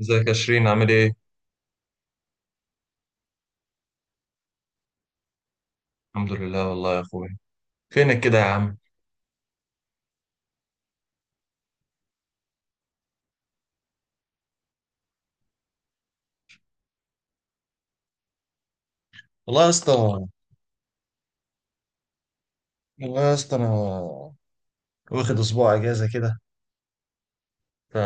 ازيك يا شيرين عامل ايه؟ الحمد لله والله يا اخويا. فينك كده يا عم؟ والله يا اسطى. والله يا اسطى انا واخد اسبوع اجازة كده. ف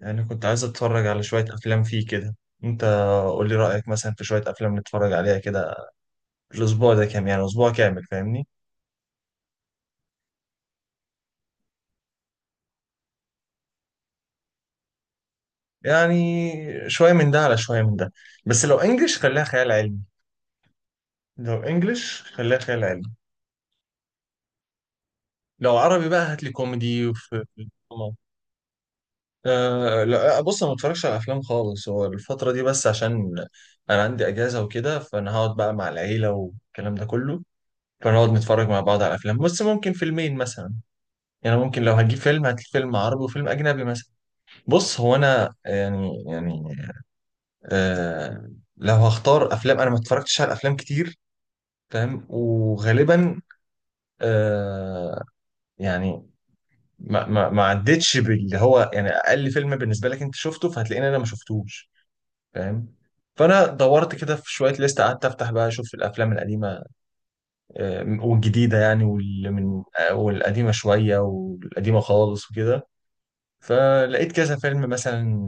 يعني كنت عايز اتفرج على شوية افلام فيه كده. انت قول لي رأيك مثلا في شوية افلام نتفرج عليها كده الاسبوع ده، كام يعني، اسبوع كامل فاهمني؟ يعني شوية من ده على شوية من ده، بس لو انجلش خليها خيال علمي. لو انجلش خليها خيال علمي. لو عربي بقى هات لي كوميدي وفي. أه لا آه، بص، انا ما بتفرجش على افلام خالص، هو الفتره دي بس عشان انا عندي اجازه وكده، فانا هقعد بقى مع العيله والكلام ده كله، فنقعد نتفرج مع بعض على افلام، بس ممكن فيلمين مثلا. يعني ممكن لو هجيب فيلم هات فيلم عربي وفيلم اجنبي مثلا. بص هو انا يعني، أه لو هختار افلام انا ما اتفرجتش على افلام كتير، فاهم، وغالبا أه يعني ما عدتش باللي هو يعني اقل فيلم بالنسبه لك انت شفته فهتلاقيني انا ما شفتوش، فاهم. فانا دورت كده في شويه ليست، قعدت افتح بقى اشوف الافلام القديمه والجديده، يعني واللي من آه، والقديمه شويه والقديمه خالص وكده. فلقيت كذا فيلم مثلا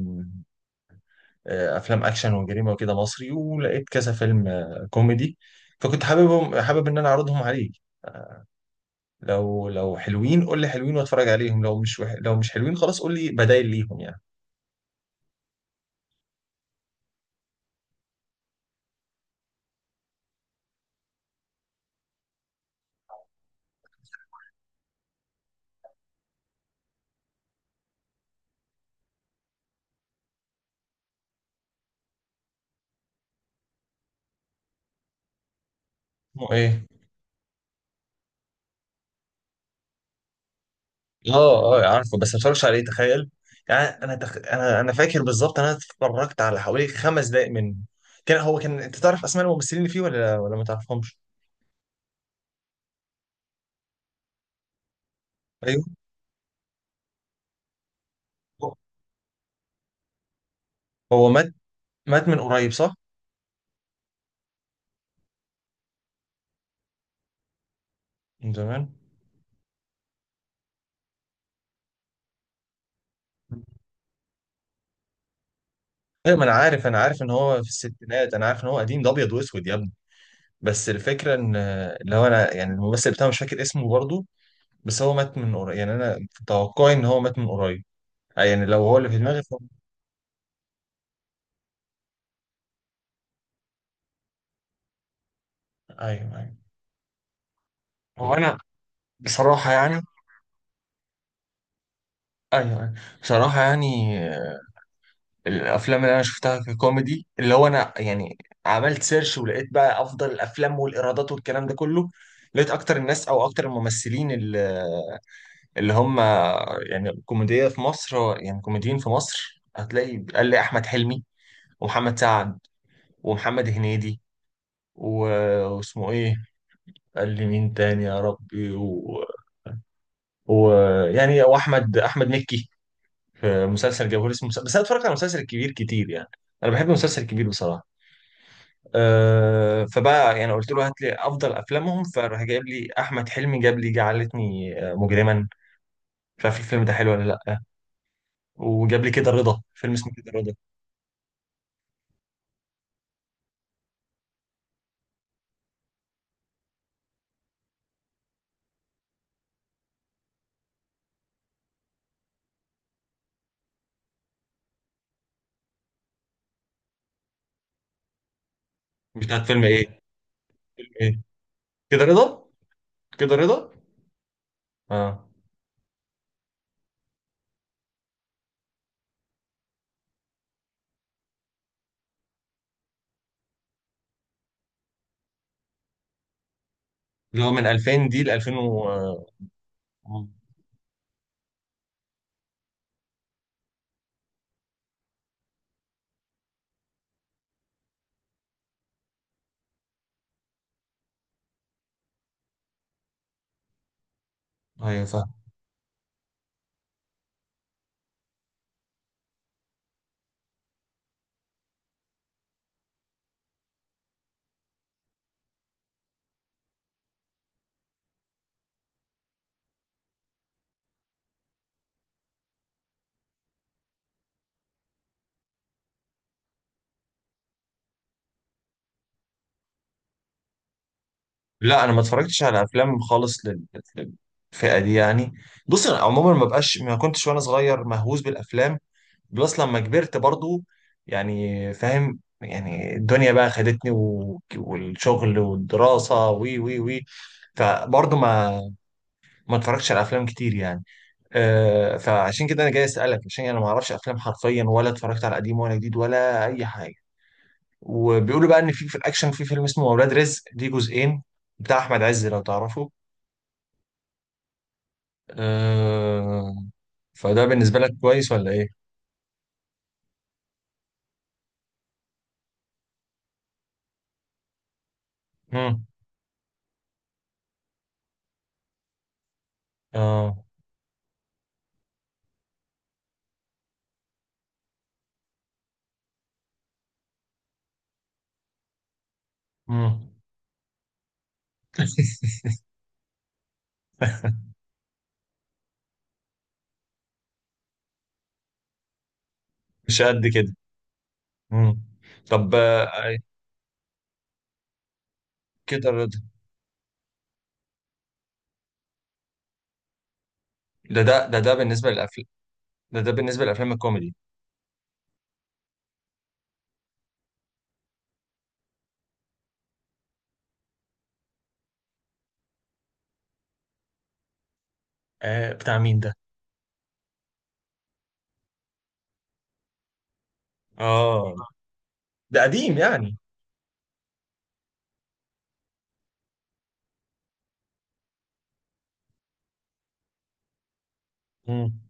افلام اكشن وجريمه وكده مصري، ولقيت كذا فيلم كوميدي. فكنت حابب ان انا اعرضهم عليك. لو لو حلوين قول لي حلوين واتفرج عليهم، لو مش وح... لو مش حلوين خلاص قول لي بدايل ليهم يعني. اسمه ايه؟ اه عارفه، بس ما اتفرجش عليه تخيل. يعني انا فاكر بالظبط انا اتفرجت على حوالي خمس دقائق منه. كان هو كان، انت تعرف اسماء الممثلين اللي فيه ولا ما تعرفهمش؟ ايوه. هو مات، مات من قريب صح؟ من زمان؟ ايوه ما انا عارف، انا عارف ان هو في الستينات، انا عارف ان هو قديم، ده ابيض واسود يا ابني. بس الفكره ان اللي هو انا، يعني الممثل بتاعه مش فاكر اسمه برضه. بس هو مات من قريب، يعني انا في توقعي ان هو مات من قريب. يعني لو هو اللي في دماغي ف... ايوه. هو انا بصراحه يعني، ايوه أيوة. بصراحه يعني الافلام اللي انا شفتها ككوميدي، اللي هو انا يعني عملت سيرش ولقيت بقى افضل الافلام والايرادات والكلام ده كله. لقيت اكتر الناس، او اكتر الممثلين اللي اللي هم يعني كوميديا في مصر، يعني كوميديين في مصر، هتلاقي قال لي احمد حلمي ومحمد سعد ومحمد هنيدي و- واسمه ايه، قال لي مين تاني يا ربي ويعني يعني واحمد مكي. في مسلسل جوهري اسمه مسلسل، بس انا اتفرجت على مسلسل الكبير كتير يعني، انا بحب المسلسل الكبير بصراحه. فبقى يعني قلت له هات لي افضل افلامهم، فراح جايب لي احمد حلمي، جاب لي جعلتني مجرما. مش عارف الفيلم ده حلو ولا لا. وجاب لي كده رضا، فيلم اسمه كده رضا. مش عارف فيلم ايه؟ فيلم ايه؟ كده رضا. كده رضا. اه. اللي هو من 2000 دي ل 2000 و... آه، ايوه فاهم. لا انا ما اتفرجتش على افلام خالص للفئه دي يعني. بص انا عموما ما بقاش، ما كنتش وانا صغير مهووس بالافلام، بلس لما كبرت برضو يعني، فاهم؟ يعني الدنيا بقى خدتني والشغل والدراسة وي وي وي فبرضه ما اتفرجتش على افلام كتير يعني. فعشان كده انا جاي اسالك عشان انا ما اعرفش افلام حرفيا، ولا اتفرجت على قديم ولا جديد ولا اي حاجه. وبيقولوا بقى ان في الاكشن في فيلم اسمه اولاد رزق، ليه جزئين، بتاع احمد عز لو تعرفه. أه فده بالنسبه لك كويس ولا ايه؟ مم. اه. مم. مش قد كده. مم. طب كده رضا. ده بالنسبة للأفلام. ده بالنسبة للأفلام الكوميدي. آه بتاع مين ده؟ اه ده قديم يعني؟ امم.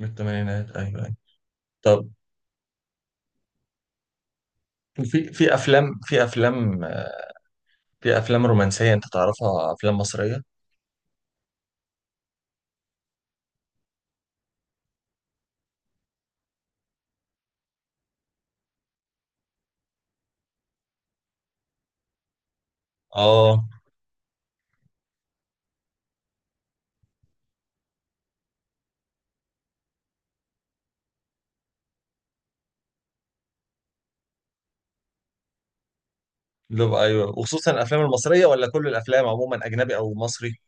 من الثمانينات، ايوه ايوه. طب في في افلام في افلام رومانسيه انت تعرفها، افلام مصريه؟ اه. لب ايوه، وخصوصا الافلام المصريه، ولا كل الافلام عموما اجنبي او مصري؟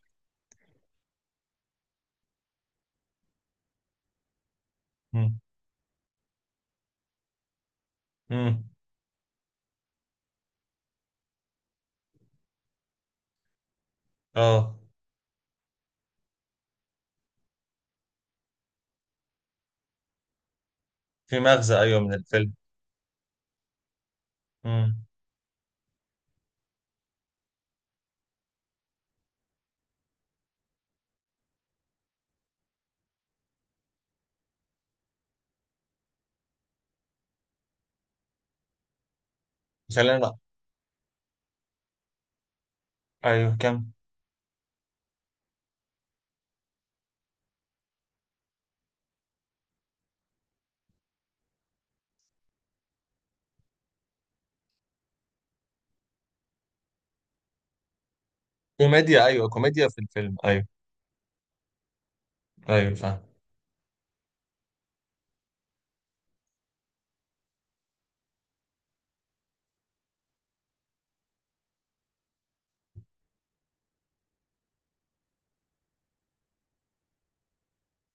امم. امم. اه في مغزى، ايوه من الفيلم. امم. خلينا، ايوه كم. كوميديا، ايوه كوميديا في الفيلم، ايوه. ايوه فاهم.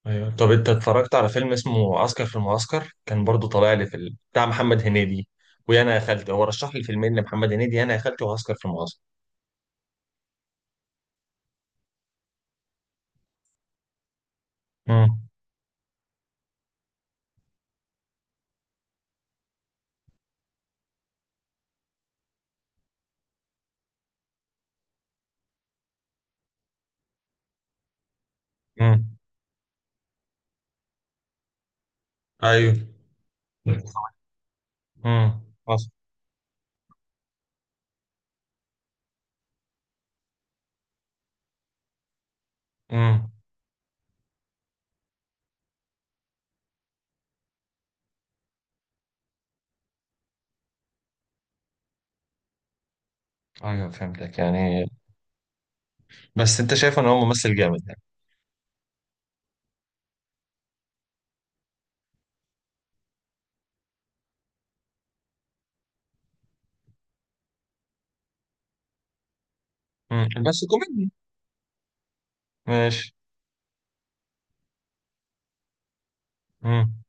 ايوه طب انت اتفرجت على فيلم اسمه عسكر في المعسكر؟ كان برضو طالع لي في ال... بتاع محمد هنيدي، ويا انا يا خالتي. هو رشح لي فيلمين لمحمد هنيدي، يا انا يا خالتي وعسكر في المعسكر. امم. امم. ايوه. امم. حصل. امم. ايوه فهمتك يعني. بس انت شايف ان هو ممثل جامد يعني؟ امم. بس كوميدي. ماشي. امم.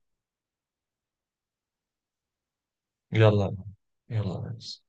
يلا. يلا بس.